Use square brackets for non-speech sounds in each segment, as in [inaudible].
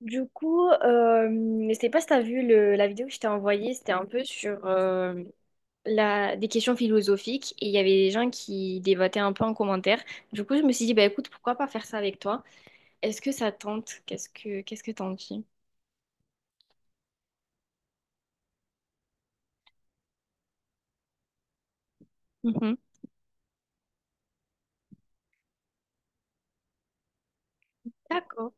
Du coup, je sais pas si t'as vu la vidéo que je t'ai envoyée, c'était un peu sur des questions philosophiques et il y avait des gens qui débattaient un peu en commentaire. Du coup, je me suis dit, bah écoute, pourquoi pas faire ça avec toi? Est-ce que ça tente? Qu'est-ce que t'en dis? Mhm. D'accord.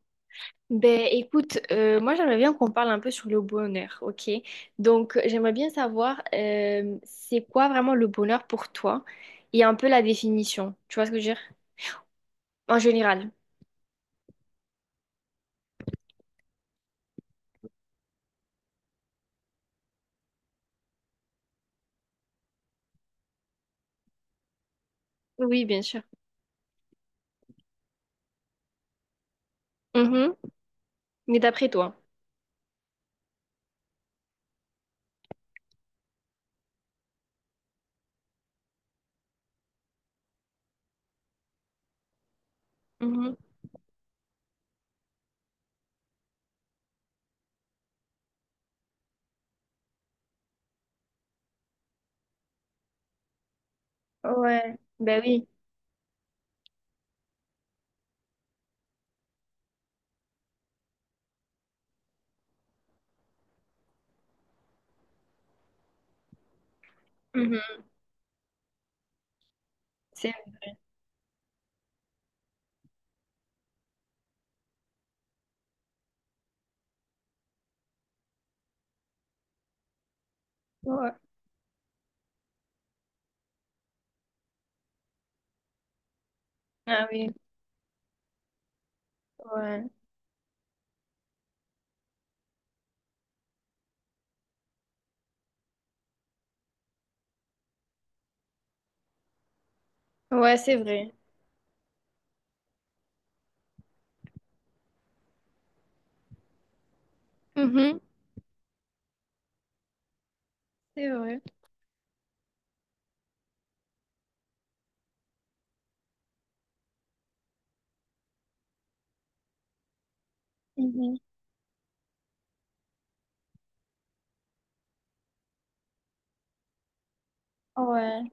Ben écoute, moi j'aimerais bien qu'on parle un peu sur le bonheur, ok? Donc j'aimerais bien savoir c'est quoi vraiment le bonheur pour toi et un peu la définition. Tu vois ce que je veux dire? En général. Oui, bien sûr. Mais d'après toi. Mhm. Ouais, ben oui. Mhm. C'est... Ouais. Ah oui, ouais, ouais, c'est vrai. Mhm. C'est vrai. Mhm. Ouais,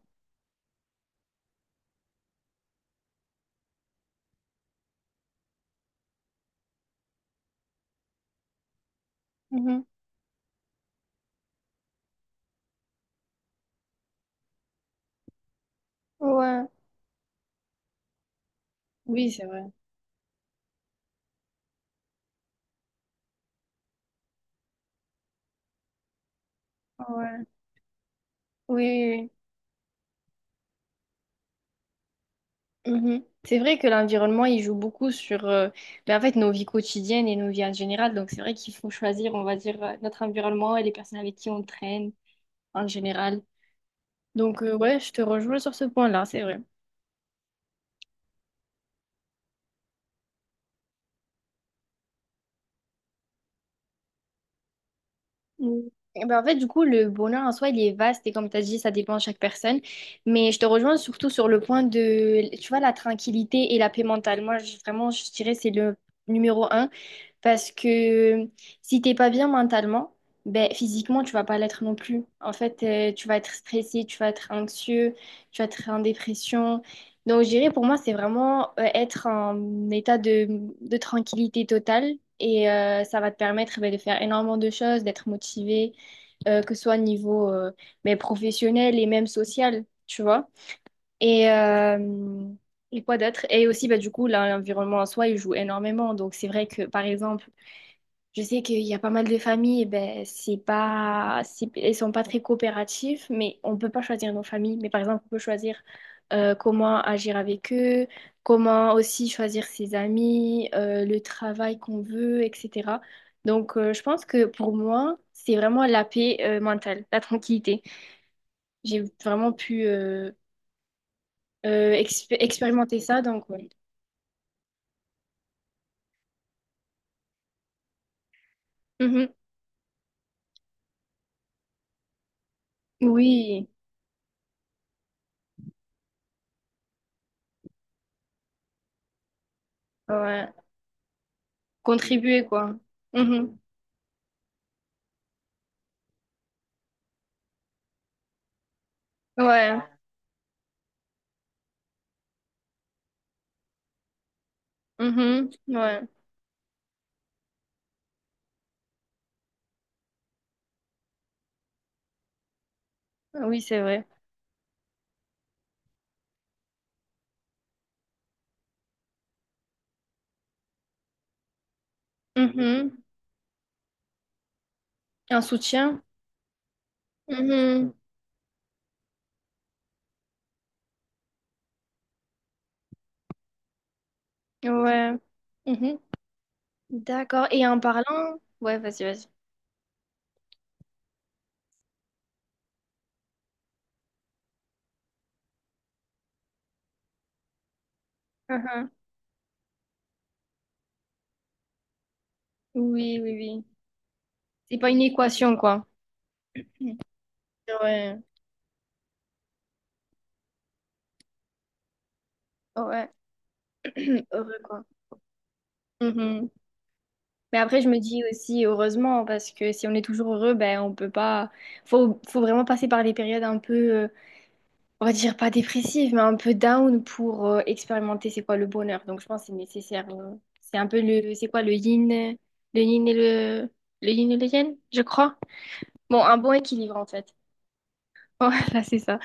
mhm, ouais, oui, c'est vrai, ouais, oui, oui, oui. Mhm. C'est vrai que l'environnement, il joue beaucoup sur ben, en fait, nos vies quotidiennes et nos vies en général. Donc, c'est vrai qu'il faut choisir, on va dire, notre environnement et les personnes avec qui on traîne en général. Donc, ouais, je te rejoins sur ce point-là, c'est vrai. Mm. Eh ben, en fait, du coup, le bonheur en soi, il est vaste et comme tu as dit, ça dépend de chaque personne. Mais je te rejoins surtout sur le point de, tu vois, la tranquillité et la paix mentale. Moi, vraiment, je dirais, c'est le numéro un. Parce que si t'es pas bien mentalement, ben, physiquement, tu vas pas l'être non plus. En fait, tu vas être stressé, tu vas être anxieux, tu vas être en dépression. Donc, je dirais, pour moi, c'est vraiment être en état de tranquillité totale. Et ça va te permettre ben, de faire énormément de choses, d'être motivé, que ce soit au niveau ben, professionnel et même social, tu vois. Et, euh, et quoi d'autre? Et aussi, bah, du coup, là, l'environnement en soi, il joue énormément. Donc, c'est vrai que, par exemple, je sais qu'il y a pas mal de familles, ben, c'est- elles sont pas très coopératives, mais on peut pas choisir nos familles. Mais par exemple, on peut choisir comment agir avec eux, comment aussi choisir ses amis, le travail qu'on veut, etc. Donc, je pense que pour moi, c'est vraiment la paix mentale, la tranquillité. J'ai vraiment pu expérimenter ça, donc ouais. Mhm. Oui, ouais. Contribuer, quoi. Mhm. Ouais. Mhm. Ouais. Oui, c'est vrai. Mhm. Un soutien. Mhm. Ouais. Mhm. D'accord. Et en parlant, ouais, vas-y, vas-y. Mhm. Oui, oui, oui. C'est pas une équation, quoi. Mhm. Ouais, ouais. [clears throat] Heureux, quoi. Mhm. Mais après, je me dis aussi heureusement, parce que si on est toujours heureux, ben on peut pas. Faut vraiment passer par des périodes un peu. On va dire pas dépressive, mais un peu down pour expérimenter c'est quoi le bonheur. Donc je pense que c'est nécessaire. C'est un peu le, c'est quoi le yin et le yin et le yang, je crois. Bon, un bon équilibre en fait. [laughs] Voilà, c'est ça.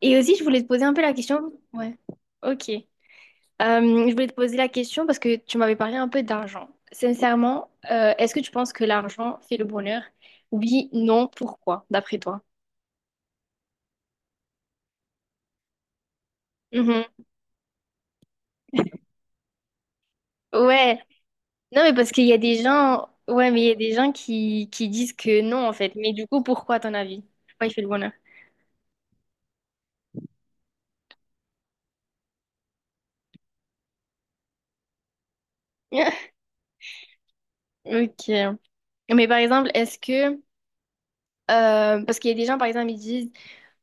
Et aussi, je voulais te poser un peu la question. Ouais. Ok. Je voulais te poser la question parce que tu m'avais parlé un peu d'argent. Sincèrement, est-ce que tu penses que l'argent fait le bonheur? Oui, non, pourquoi, d'après toi? Mhm. Ouais, non, mais parce qu'il y a des gens, ouais, mais il y a des gens qui disent que non, en fait. Mais du coup, pourquoi, à ton avis? Pourquoi il fait le bonheur? [laughs] Ok. Mais par exemple, est-ce que, parce qu'il y a des gens, par exemple, ils disent,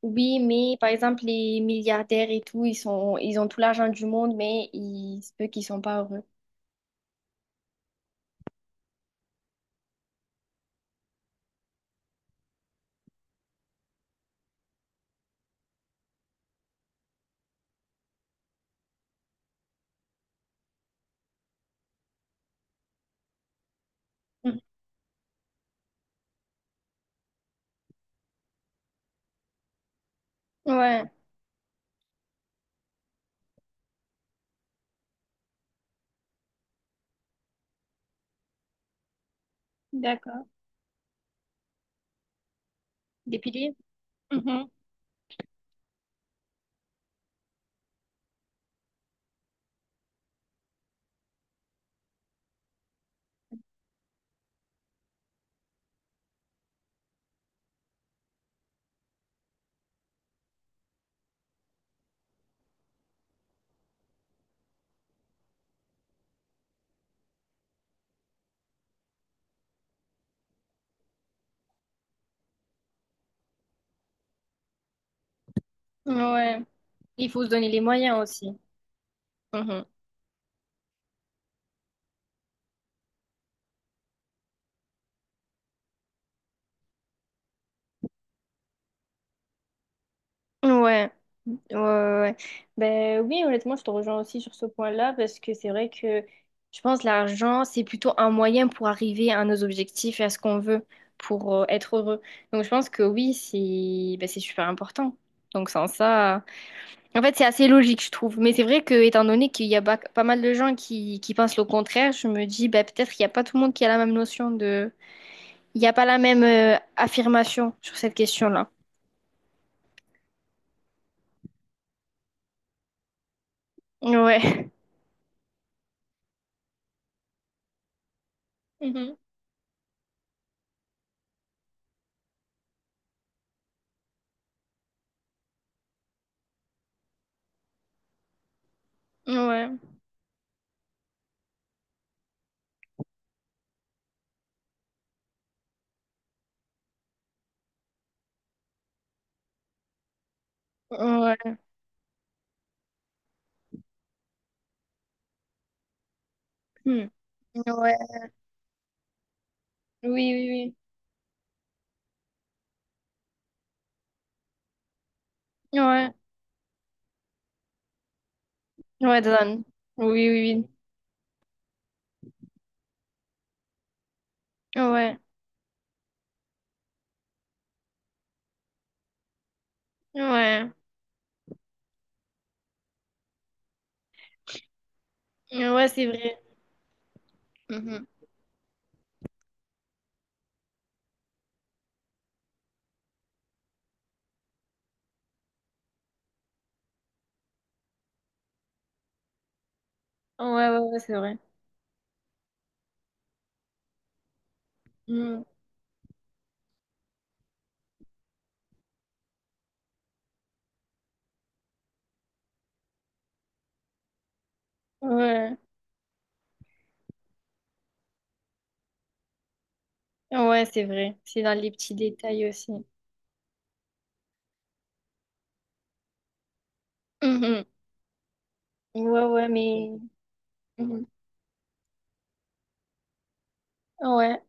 oui, mais par exemple, les milliardaires et tout, ils ont tout l'argent du monde, mais ils se peut qu'ils sont pas heureux. Mhm. Ouais, d'accord. Des piliers? Mhm. Ouais. Il faut se donner les moyens aussi. Mhm. Ouais, ouais, ouais, ouais. Ben oui, honnêtement, je te rejoins aussi sur ce point-là parce que c'est vrai que je pense que l'argent, c'est plutôt un moyen pour arriver à nos objectifs et à ce qu'on veut pour être heureux. Donc je pense que oui, c'est ben, c'est super important. Donc sans ça, en fait, c'est assez logique, je trouve. Mais c'est vrai que étant donné qu'il y a pas mal de gens qui pensent le contraire, je me dis ben, peut-être qu'il n'y a pas tout le monde qui a la même notion de... Il n'y a pas la même affirmation sur cette question-là. Ouais. [laughs] Mhm. Ouais. Ouais. Hmm. Ouais, oui, oui, oui. Ouais, ouais, Dan. Oui, oui, oui. Ouais, ouais, ouais, c'est vrai. Mhm. Ouais, ouais, ouais, c'est vrai. Hmm. Ouais, ouais, c'est vrai. C'est dans les petits détails aussi. Mhm. Ouais, ouais, mais. Mhm. Ouais,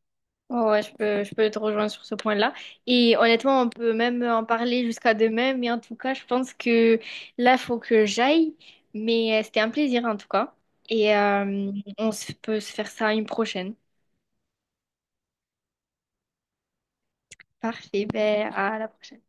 ouais, ouais, je peux te rejoindre sur ce point-là. Et honnêtement, on peut même en parler jusqu'à demain, mais en tout cas, je pense que là, il faut que j'aille. Mais c'était un plaisir en tout cas. Et peut se faire ça une prochaine. Parfait, ben, à la prochaine.